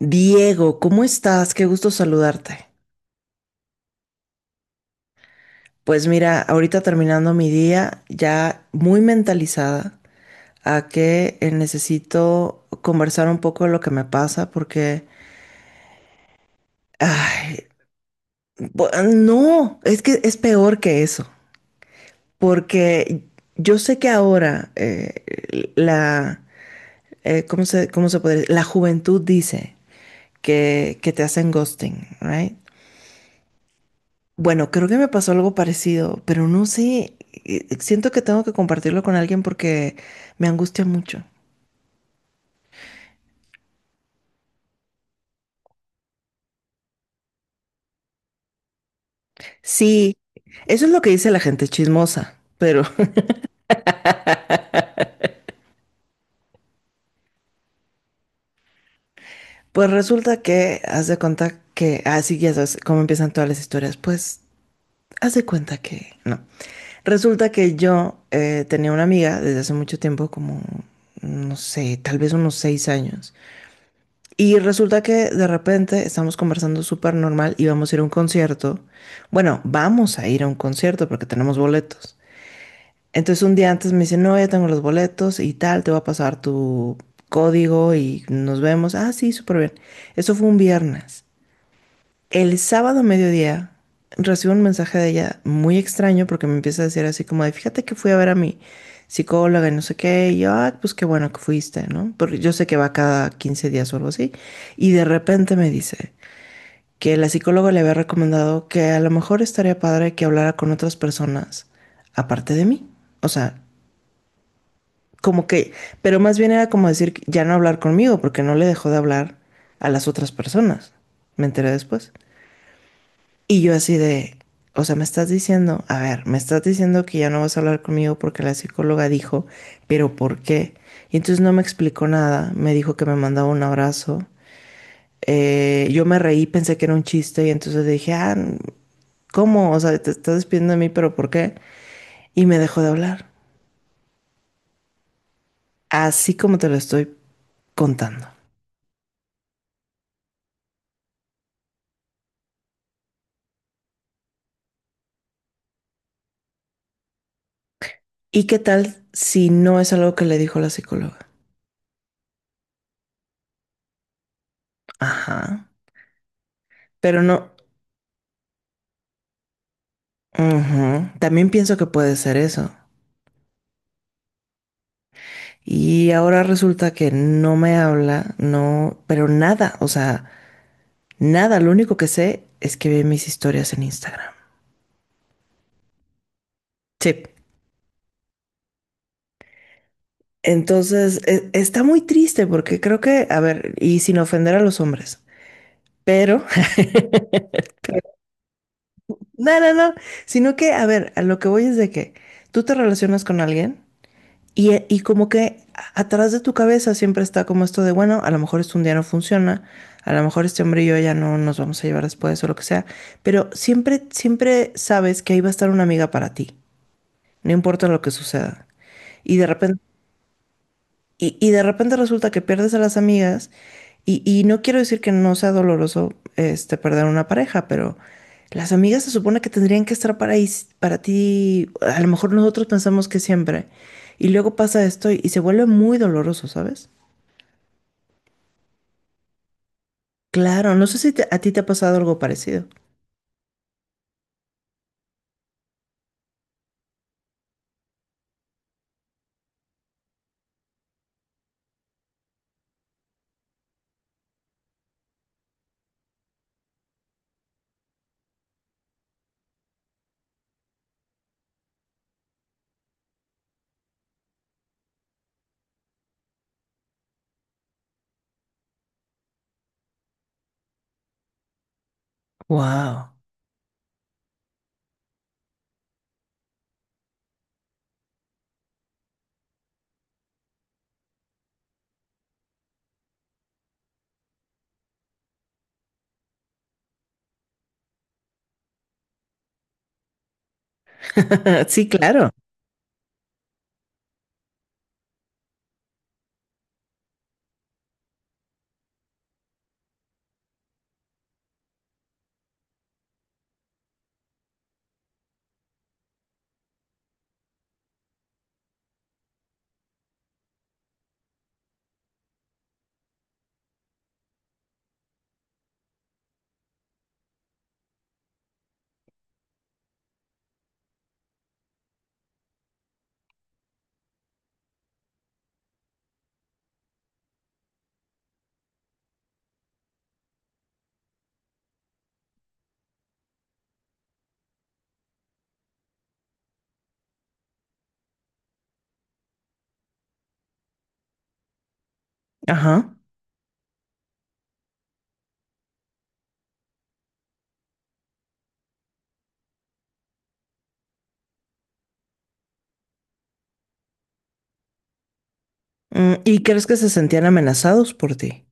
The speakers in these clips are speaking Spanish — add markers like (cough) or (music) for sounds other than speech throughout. Diego, ¿cómo estás? Qué gusto saludarte. Pues mira, ahorita terminando mi día, ya muy mentalizada a que necesito conversar un poco de lo que me pasa porque, ay, no, es que es peor que eso, porque yo sé que ahora la, ¿cómo se puede decir? La juventud dice que te hacen ghosting, ¿right? Bueno, creo que me pasó algo parecido, pero no sé, siento que tengo que compartirlo con alguien porque me angustia mucho. Sí, eso es lo que dice la gente chismosa, pero (laughs) pues resulta que haz de cuenta que, así ya sabes cómo empiezan todas las historias, pues haz de cuenta que no. Resulta que yo tenía una amiga desde hace mucho tiempo, como, no sé, tal vez unos 6 años. Y resulta que de repente estamos conversando súper normal y vamos a ir a un concierto. Bueno, vamos a ir a un concierto porque tenemos boletos. Entonces un día antes me dice, no, ya tengo los boletos y tal, te voy a pasar tu código y nos vemos. Ah, sí, súper bien. Eso fue un viernes. El sábado a mediodía recibo un mensaje de ella muy extraño porque me empieza a decir así como de, fíjate que fui a ver a mi psicóloga y no sé qué, y yo, "Ah, pues qué bueno que fuiste, ¿no? Porque yo sé que va cada 15 días o algo así, y de repente me dice que la psicóloga le había recomendado que a lo mejor estaría padre que hablara con otras personas aparte de mí, o sea, como que, pero más bien era como decir, ya no hablar conmigo porque no le dejó de hablar a las otras personas, me enteré después. Y yo así de, o sea, me estás diciendo, a ver, me estás diciendo que ya no vas a hablar conmigo porque la psicóloga dijo, pero ¿por qué? Y entonces no me explicó nada, me dijo que me mandaba un abrazo. Yo me reí, pensé que era un chiste y entonces dije, ah, ¿cómo? O sea, te estás despidiendo de mí, pero ¿por qué? Y me dejó de hablar, así como te lo estoy contando. ¿Y qué tal si no es algo que le dijo la psicóloga? Ajá, pero no. Ujú, también pienso que puede ser eso. Y ahora resulta que no me habla, no, pero nada, o sea, nada, lo único que sé es que ve mis historias en Instagram. Sí. Entonces, está muy triste porque creo que, a ver, y sin ofender a los hombres, pero, (laughs) no, no, no, sino que, a ver, a lo que voy es de que tú te relacionas con alguien. Y como que atrás de tu cabeza siempre está como esto de, bueno, a lo mejor este un día no funciona, a lo mejor este hombre y yo ya no nos vamos a llevar después o lo que sea, pero siempre, siempre sabes que ahí va a estar una amiga para ti, no importa lo que suceda. Y de repente y de repente resulta que pierdes a las amigas y no quiero decir que no sea doloroso este, perder una pareja, pero las amigas se supone que tendrían que estar para, para ti, a lo mejor nosotros pensamos que siempre, y luego pasa esto y se vuelve muy doloroso, ¿sabes? Claro, no sé si a ti te ha pasado algo parecido. Wow. (laughs) Sí, claro. Ajá. Mm, ¿y crees que se sentían amenazados por ti?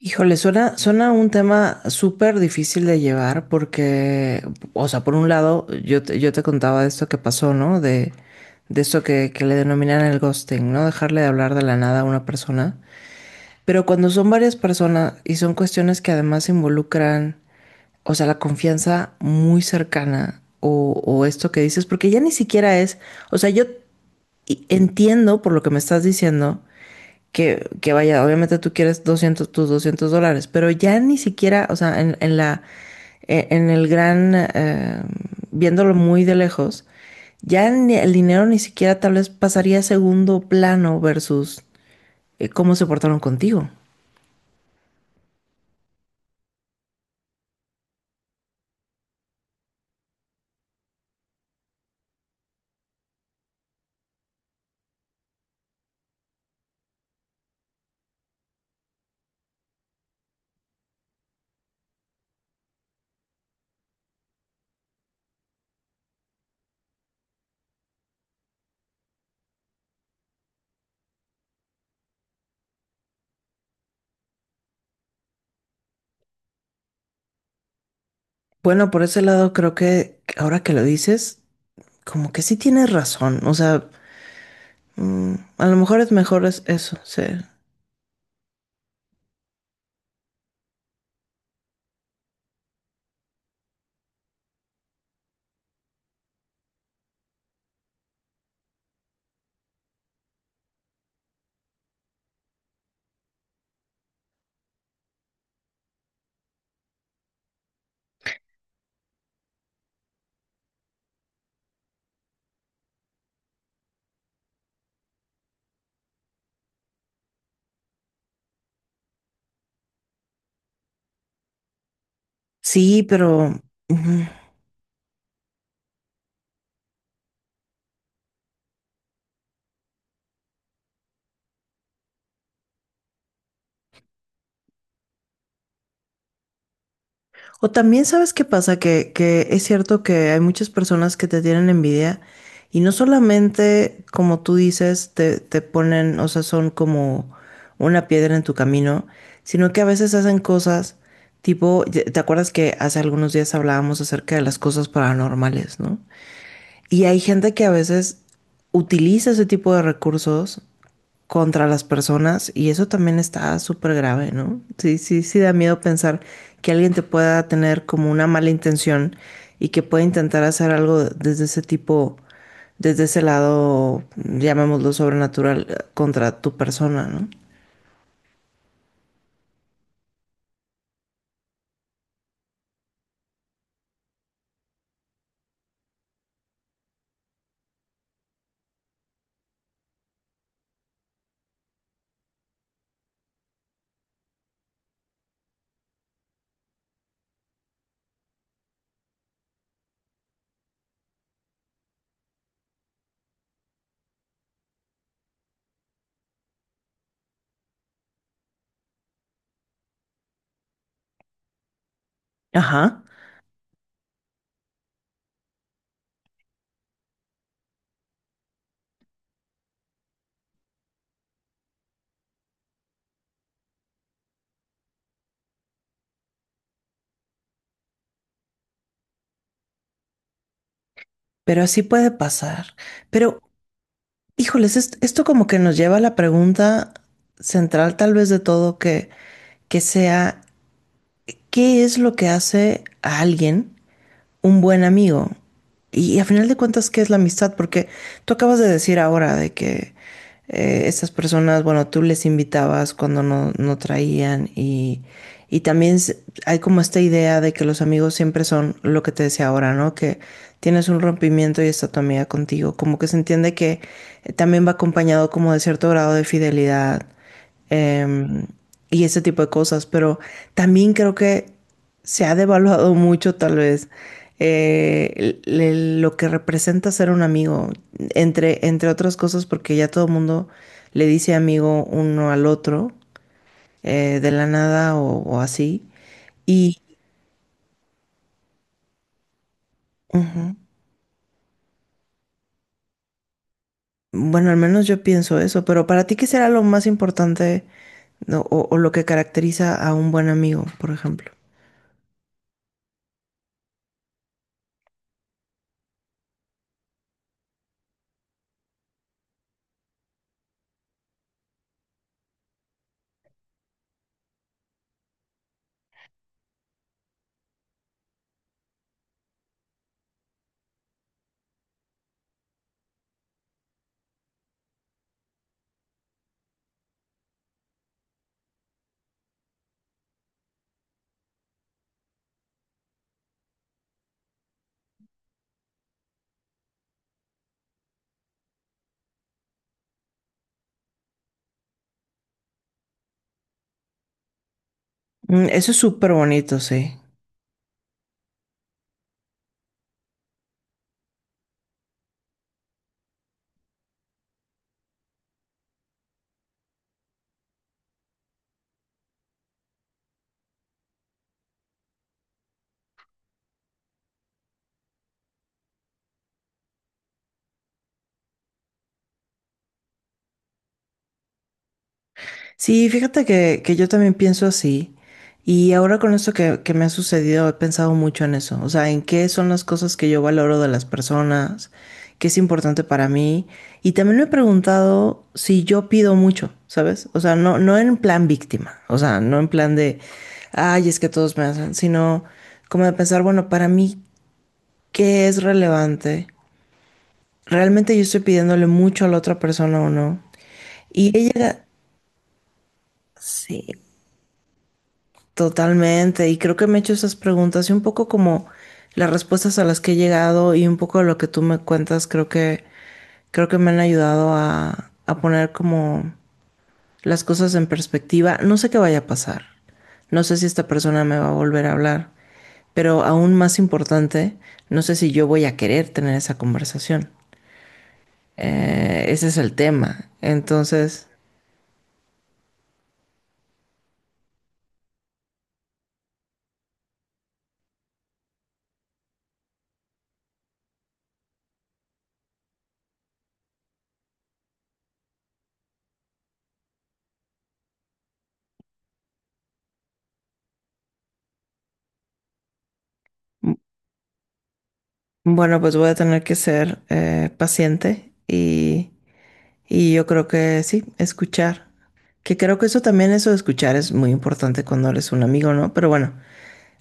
Híjole, suena un tema súper difícil de llevar porque, o sea, por un lado, yo te contaba de esto que pasó, ¿no? De esto que le denominan el ghosting, ¿no? Dejarle de hablar de la nada a una persona. Pero cuando son varias personas y son cuestiones que además involucran, o sea, la confianza muy cercana o esto que dices, porque ya ni siquiera es, o sea, yo entiendo por lo que me estás diciendo que vaya, obviamente tú quieres 200 tus $200, pero ya ni siquiera, o sea, en la, en el gran, viéndolo muy de lejos, el dinero ni siquiera tal vez pasaría a segundo plano versus cómo se portaron contigo. Bueno, por ese lado creo que ahora que lo dices, como que sí tienes razón, o sea, mm, a lo mejor es eso, sí, sí, pero... Ujú. O también sabes qué pasa, que es cierto que hay muchas personas que te tienen envidia y no solamente, como tú dices, te ponen, o sea, son como una piedra en tu camino, sino que a veces hacen cosas tipo, ¿te acuerdas que hace algunos días hablábamos acerca de las cosas paranormales, ¿no? Y hay gente que a veces utiliza ese tipo de recursos contra las personas y eso también está súper grave, ¿no? Sí, sí, sí da miedo pensar que alguien te pueda tener como una mala intención y que pueda intentar hacer algo desde ese tipo, desde ese lado, llamémoslo sobrenatural, contra tu persona, ¿no? Ajá, pero así puede pasar. Pero, híjoles, esto como que nos lleva a la pregunta central tal vez de todo que sea, ¿qué es lo que hace a alguien un buen amigo? Y, a final de cuentas, ¿qué es la amistad? Porque tú acabas de decir ahora de que estas personas, bueno, tú les invitabas cuando no, no traían y también hay como esta idea de que los amigos siempre son lo que te decía ahora, ¿no? Que tienes un rompimiento y está tu amiga contigo. Como que se entiende que también va acompañado como de cierto grado de fidelidad eh, y ese tipo de cosas. Pero también creo que se ha devaluado mucho tal vez lo que representa ser un amigo, entre otras cosas, porque ya todo el mundo le dice amigo uno al otro, de la nada o, o así. Y ujú, bueno, al menos yo pienso eso, pero para ti, ¿qué será lo más importante no, o lo que caracteriza a un buen amigo, por ejemplo? Mm, eso es súper bonito, sí. Sí, fíjate que yo también pienso así. Y ahora con esto que me ha sucedido, he pensado mucho en eso. O sea, en qué son las cosas que yo valoro de las personas, qué es importante para mí. Y también me he preguntado si yo pido mucho, ¿sabes? O sea, no, no en plan víctima. O sea, no en plan de, ay, es que todos me hacen, sino como de pensar, bueno, para mí, ¿qué es relevante? ¿Realmente yo estoy pidiéndole mucho a la otra persona o no? Y ella, sí. Totalmente, y creo que me he hecho esas preguntas y un poco como las respuestas a las que he llegado y un poco de lo que tú me cuentas, creo que me han ayudado a poner como las cosas en perspectiva. No sé qué vaya a pasar, no sé si esta persona me va a volver a hablar, pero aún más importante, no sé si yo voy a querer tener esa conversación. Ese es el tema. Entonces, m- bueno, pues voy a tener que ser paciente y yo creo que sí, escuchar. Que creo que eso también, eso de escuchar es muy importante cuando eres un amigo, ¿no? Pero bueno,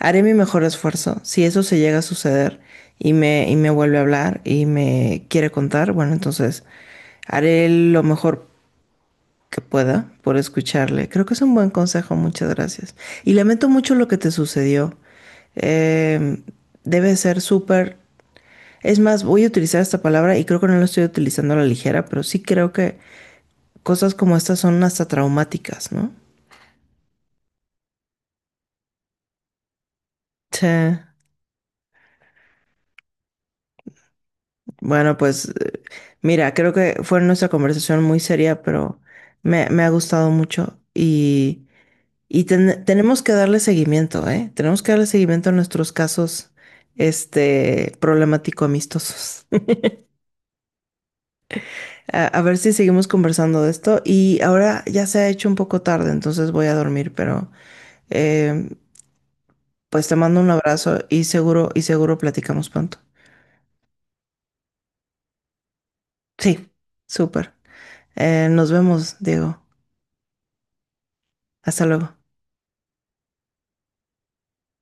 haré mi mejor esfuerzo. Si eso se llega a suceder y me vuelve a hablar y me quiere contar, bueno, entonces haré lo mejor que pueda por escucharle. Creo que es un buen consejo, muchas gracias. Y lamento mucho lo que te sucedió. Eh, debe ser súper... Es más, voy a utilizar esta palabra y creo que no la estoy utilizando a la ligera, pero sí creo que cosas como estas son hasta traumáticas, ¿no? Sí. Bueno, pues mira, creo que fue nuestra conversación muy seria, pero me ha gustado mucho y, tenemos que darle seguimiento, ¿eh? Tenemos que darle seguimiento a nuestros casos, este, problemático amistosos. (laughs) A ver si seguimos conversando de esto y ahora ya se ha hecho un poco tarde, entonces voy a dormir, pero eh, pues te mando un abrazo y seguro platicamos pronto. Sí, súper. Nos vemos, Diego. Hasta luego.